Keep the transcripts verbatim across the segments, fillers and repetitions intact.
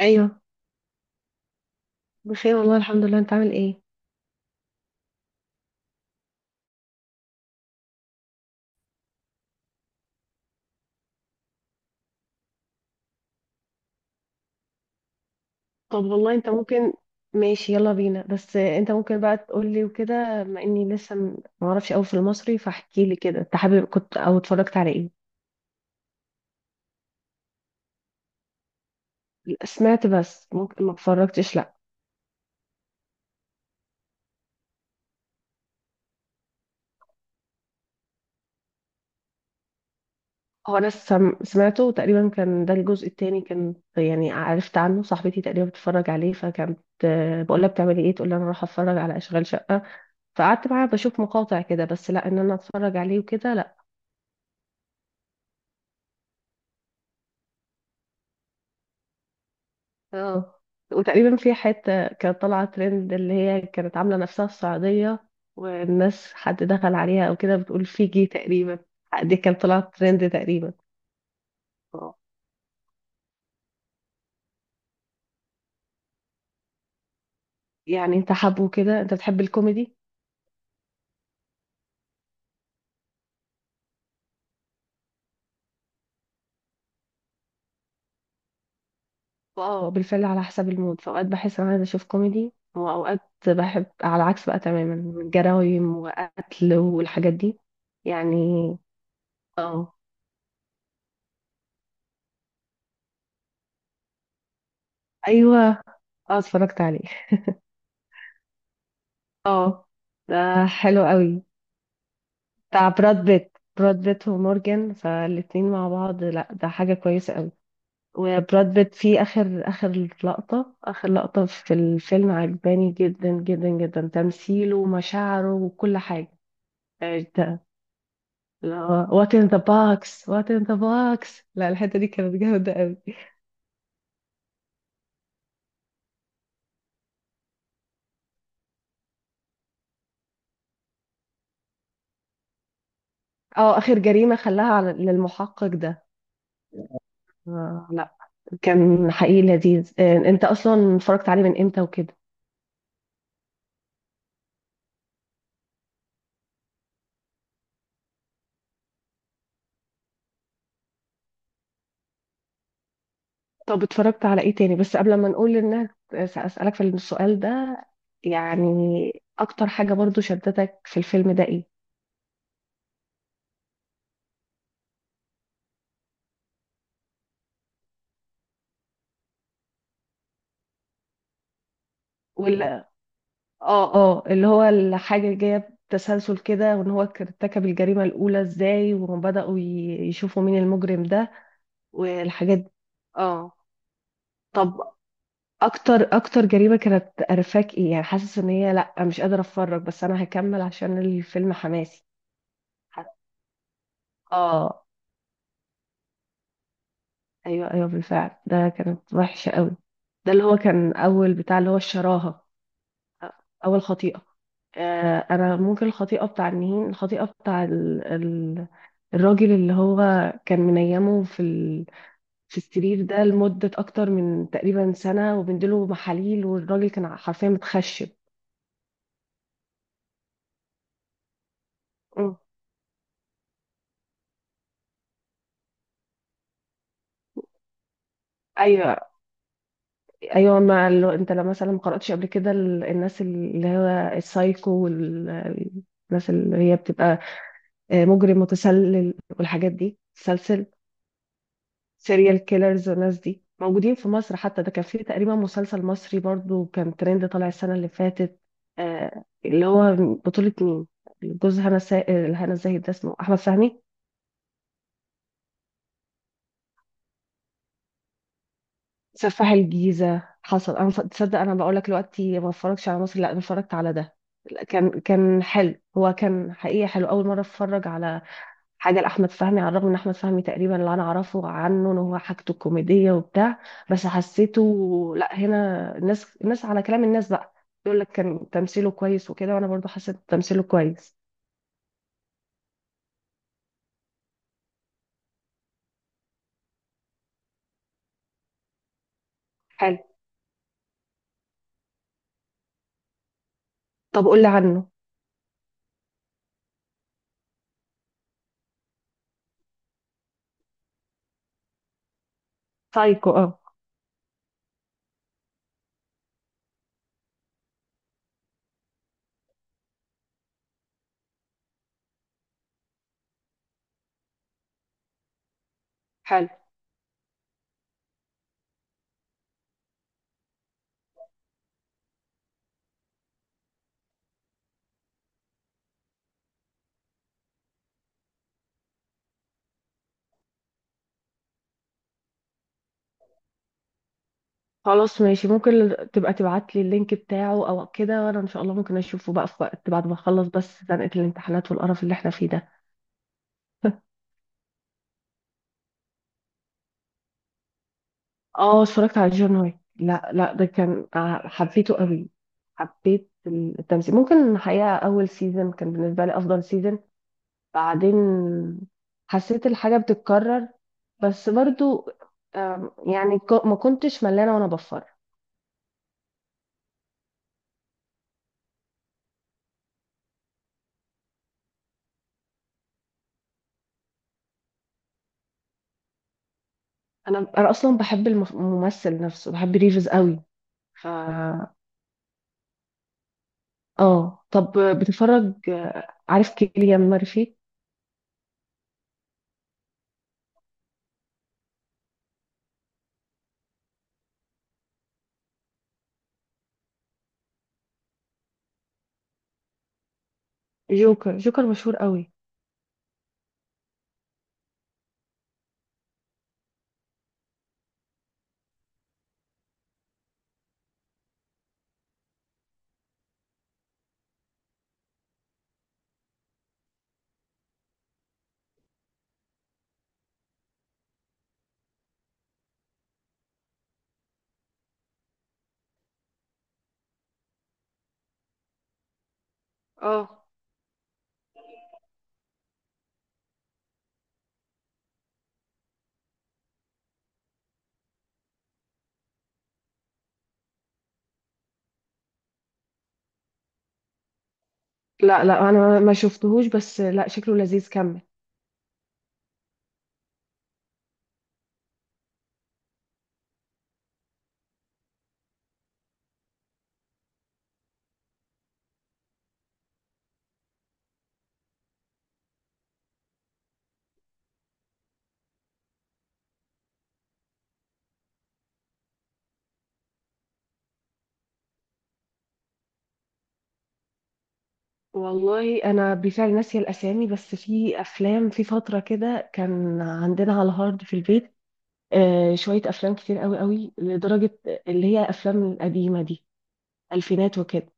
ايوه. بخير والله الحمد لله، انت عامل ايه؟ طب والله انت ممكن، ماشي يلا بينا، بس انت ممكن بقى تقول لي وكده، بما اني لسه م- ما اعرفش قوي في المصري، فاحكي لي كده انت حابب كنت او اتفرجت على ايه؟ سمعت بس ممكن ما اتفرجتش، لا. هو انا سم- سمعته تقريبا، كان ده الجزء التاني، كان يعني عرفت عنه صاحبتي تقريبا بتتفرج عليه، فكانت آه، بقول لها بتعملي ايه، تقول لي انا رايحه اتفرج على اشغال شقه. فقعدت معاها بشوف مقاطع كده، بس لا ان انا اتفرج عليه وكده لا. اه. وتقريبا في حتة كانت طالعة ترند، اللي هي كانت عاملة نفسها السعودية، والناس حد دخل عليها او كده بتقول فيجي تقريبا. دي كانت طلعت ترند تقريبا. اه. يعني انت حابه كده، انت بتحب الكوميدي؟ اه بالفعل على حسب المود، فاوقات بحس انا عايزة اشوف كوميدي، واوقات بحب على العكس بقى تماما، من جرايم وقتل والحاجات دي يعني. اه ايوه. اه، اتفرجت عليه. اه ده حلو قوي، بتاع براد بيت براد بيت ومورجان، فالاتنين مع بعض، لا ده حاجة كويسة قوي. وبراد بيت في آخر آخر لقطة آخر لقطة في الفيلم، عجباني جدا جدا جدا تمثيله ومشاعره وكل حاجة. آه، ده اللي هو وات ان ذا باكس، وات ان ذا باكس، لا الحتة دي كانت جامدة قوي. اه آخر جريمة خلاها على للمحقق ده. آه، لا، كان حقيقي لذيذ. آه، انت اصلا اتفرجت عليه من امتى وكده؟ طب اتفرجت على ايه تاني؟ بس قبل ما نقول للناس، اسالك في السؤال ده، يعني اكتر حاجه برضو شدتك في الفيلم ده ايه؟ ولا اه. اه اللي هو الحاجه جايه بتسلسل كده، وان هو كان ارتكب الجريمه الاولى ازاي، وبداوا ي- يشوفوا مين المجرم ده والحاجات دي. اه. طب اكتر اكتر جريمه كانت قرفاك ايه؟ يعني حاسس ان هي لا مش قادره اتفرج، بس انا هكمل عشان الفيلم حماسي. اه. ايوه ايوه، بالفعل ده كانت وحشه قوي. ده اللي هو كان اول بتاع، اللي هو الشراهه، اول خطيئه. آه، انا ممكن الخطيئه بتاع النهين، الخطيئه بتاع ال... ال... الراجل، اللي هو كان منيمه في ال... في السرير ده لمده اكتر من تقريبا سنه، وبنديله محاليل، والراجل كان حرفيا متخشب. مم. ايوه ايوه، ما لو انت لو مثلا ما قراتش قبل كده ال- الناس اللي هو السايكو، والناس اللي هي بتبقى آه، مجرم متسلل والحاجات دي، سلسل سيريال كيلرز، والناس دي موجودين في مصر حتى. ده كان في تقريبا مسلسل مصري برضو كان ترند طالع السنة اللي فاتت، آه، اللي هو بطولة مين؟ جوز هنا سا... آه، هنا الزاهد، ده اسمه أحمد فهمي. سفاح الجيزة، حصل. أنا ف- تصدق أنا بقول لك دلوقتي ما اتفرجش على مصر، لا أنا اتفرجت على ده. لا، كان كان حلو، هو كان حقيقة حلو أول مرة أتفرج على حاجه لاحمد فهمي، على الرغم ان احمد فهمي تقريبا اللي انا اعرفه عنه ان هو حاجته كوميديه وبتاع، بس حسيته لا. هنا الناس الناس على كلام الناس بقى، يقول لك كان تمثيله كويس وكده، وانا برضو حسيت تمثيله كويس. حلو. طب قول لي عنه. سايكو اه. حلو. خلاص ماشي، ممكن تبقى تبعت لي اللينك بتاعه او كده، وانا ان شاء الله ممكن اشوفه بقى في وقت بعد ما اخلص، بس زنقة الامتحانات والقرف اللي احنا فيه ده. اه اتفرجت على جون ويك، لا لا ده كان آه، حبيته قوي. حبيت التمثيل، ممكن الحقيقة أول سيزون كان بالنسبة لي أفضل سيزون. بعدين حسيت الحاجة بتتكرر، بس برضو آم، يعني ك- ما كنتش ملانة وأنا بفر. أنا أنا أصلا بحب المف- الممثل نفسه، بحب ريفز قوي. ف اه. طب بتتفرج، آه، عارف كيليان مارفي؟ جوكر، جوكر مشهور قوي. اه لا لا انا ما شفتهوش، بس لا شكله لذيذ، كمل. والله انا بالفعل ناسيه الاسامي، بس في افلام في فتره كده كان عندنا على الهارد في البيت، آه شويه افلام كتير قوي قوي لدرجه، اللي هي الافلام القديمه دي، الفينات وكده.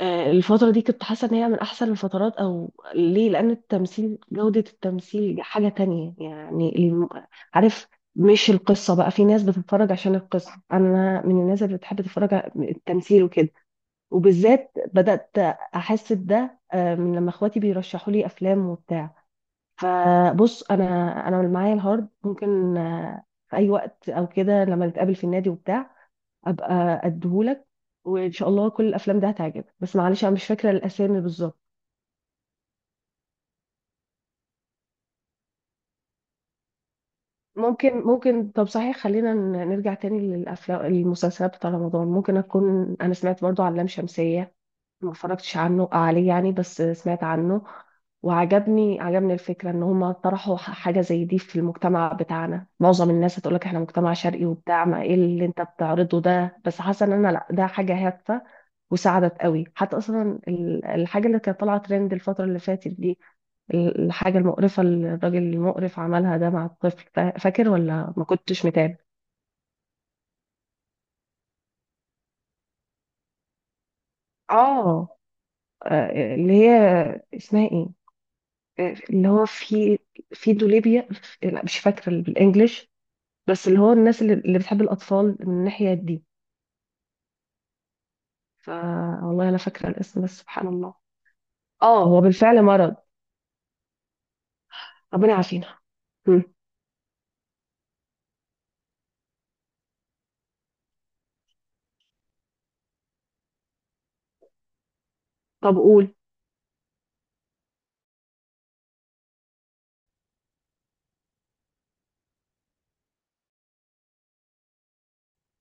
آه الفتره دي كنت حاسه ان هي من احسن الفترات، او ليه، لان التمثيل، جوده التمثيل حاجه تانية. يعني الم- عارف، مش القصه بقى، في ناس بتتفرج عشان القصه، انا من الناس اللي بتحب تتفرج على التمثيل وكده. وبالذات بدأت أحس بده آه، من لما إخواتي بيرشحوا لي أفلام وبتاع. فبص أنا، أنا معايا الهارد ممكن آه، في أي وقت أو كده، لما نتقابل في النادي وبتاع أبقى أديهولك، وإن شاء الله كل الأفلام دي هتعجبك، بس معلش أنا مش فاكرة الأسامي بالظبط. ممكن ممكن طب صحيح، خلينا ن- نرجع تاني للأفلام. المسلسلات بتاع رمضان، ممكن أكون أنا سمعت برضو عن لام شمسية، ما اتفرجتش عنه آه، عليه يعني، بس سمعت عنه. وعجبني عجبني الفكرة ان هم طرحوا ح- حاجة زي دي في المجتمع بتاعنا، معظم الناس هتقولك احنا مجتمع شرقي وبتاع، ما ايه اللي انت بتعرضه ده، بس حاسة ان انا لا ده حاجة هادفة، وساعدت قوي حتى اصلا ال- الحاجة اللي كانت طالعة ترند الفترة اللي فاتت دي، ال- الحاجة المقرفة اللي الراجل المقرف عملها ده مع الطفل، فا- فاكر ولا ما كنتش متابع؟ اه. آه، اللي هي اسمها ايه؟ اللي هو في في دوليبيا، لا مش فاكره بالانجلش، بس اللي هو الناس اللي, اللي بتحب الاطفال من الناحيه دي. ف والله انا فاكره الاسم بس سبحان الله. اه هو بالفعل مرض، ربنا يعافينا. مم. طب قول.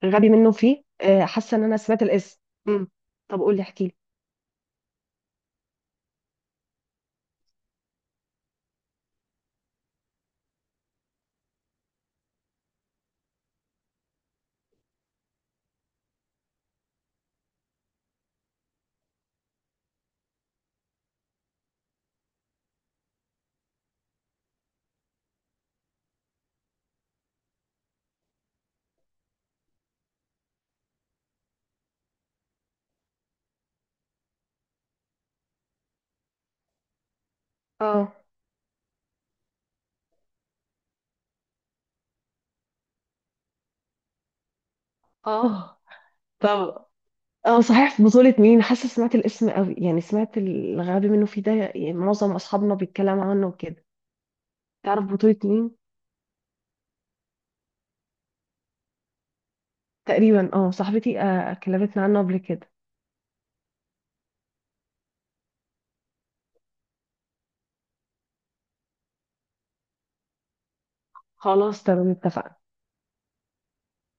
غبي منه فيه، آه، حاسه ان انا سمعت الاسم. مم. طب قول لي، احكي لي. اه. اه طب. اه صحيح، في بطولة مين؟ حاسه سمعت الاسم قوي، يعني سمعت الغبي منه فيه ده، يعني معظم اصحابنا بيتكلموا عنه وكده. تعرف بطولة مين؟ تقريبا اه، صاحبتي آه، كلمتنا عنه قبل كده. خلاص تمام، اتفقنا.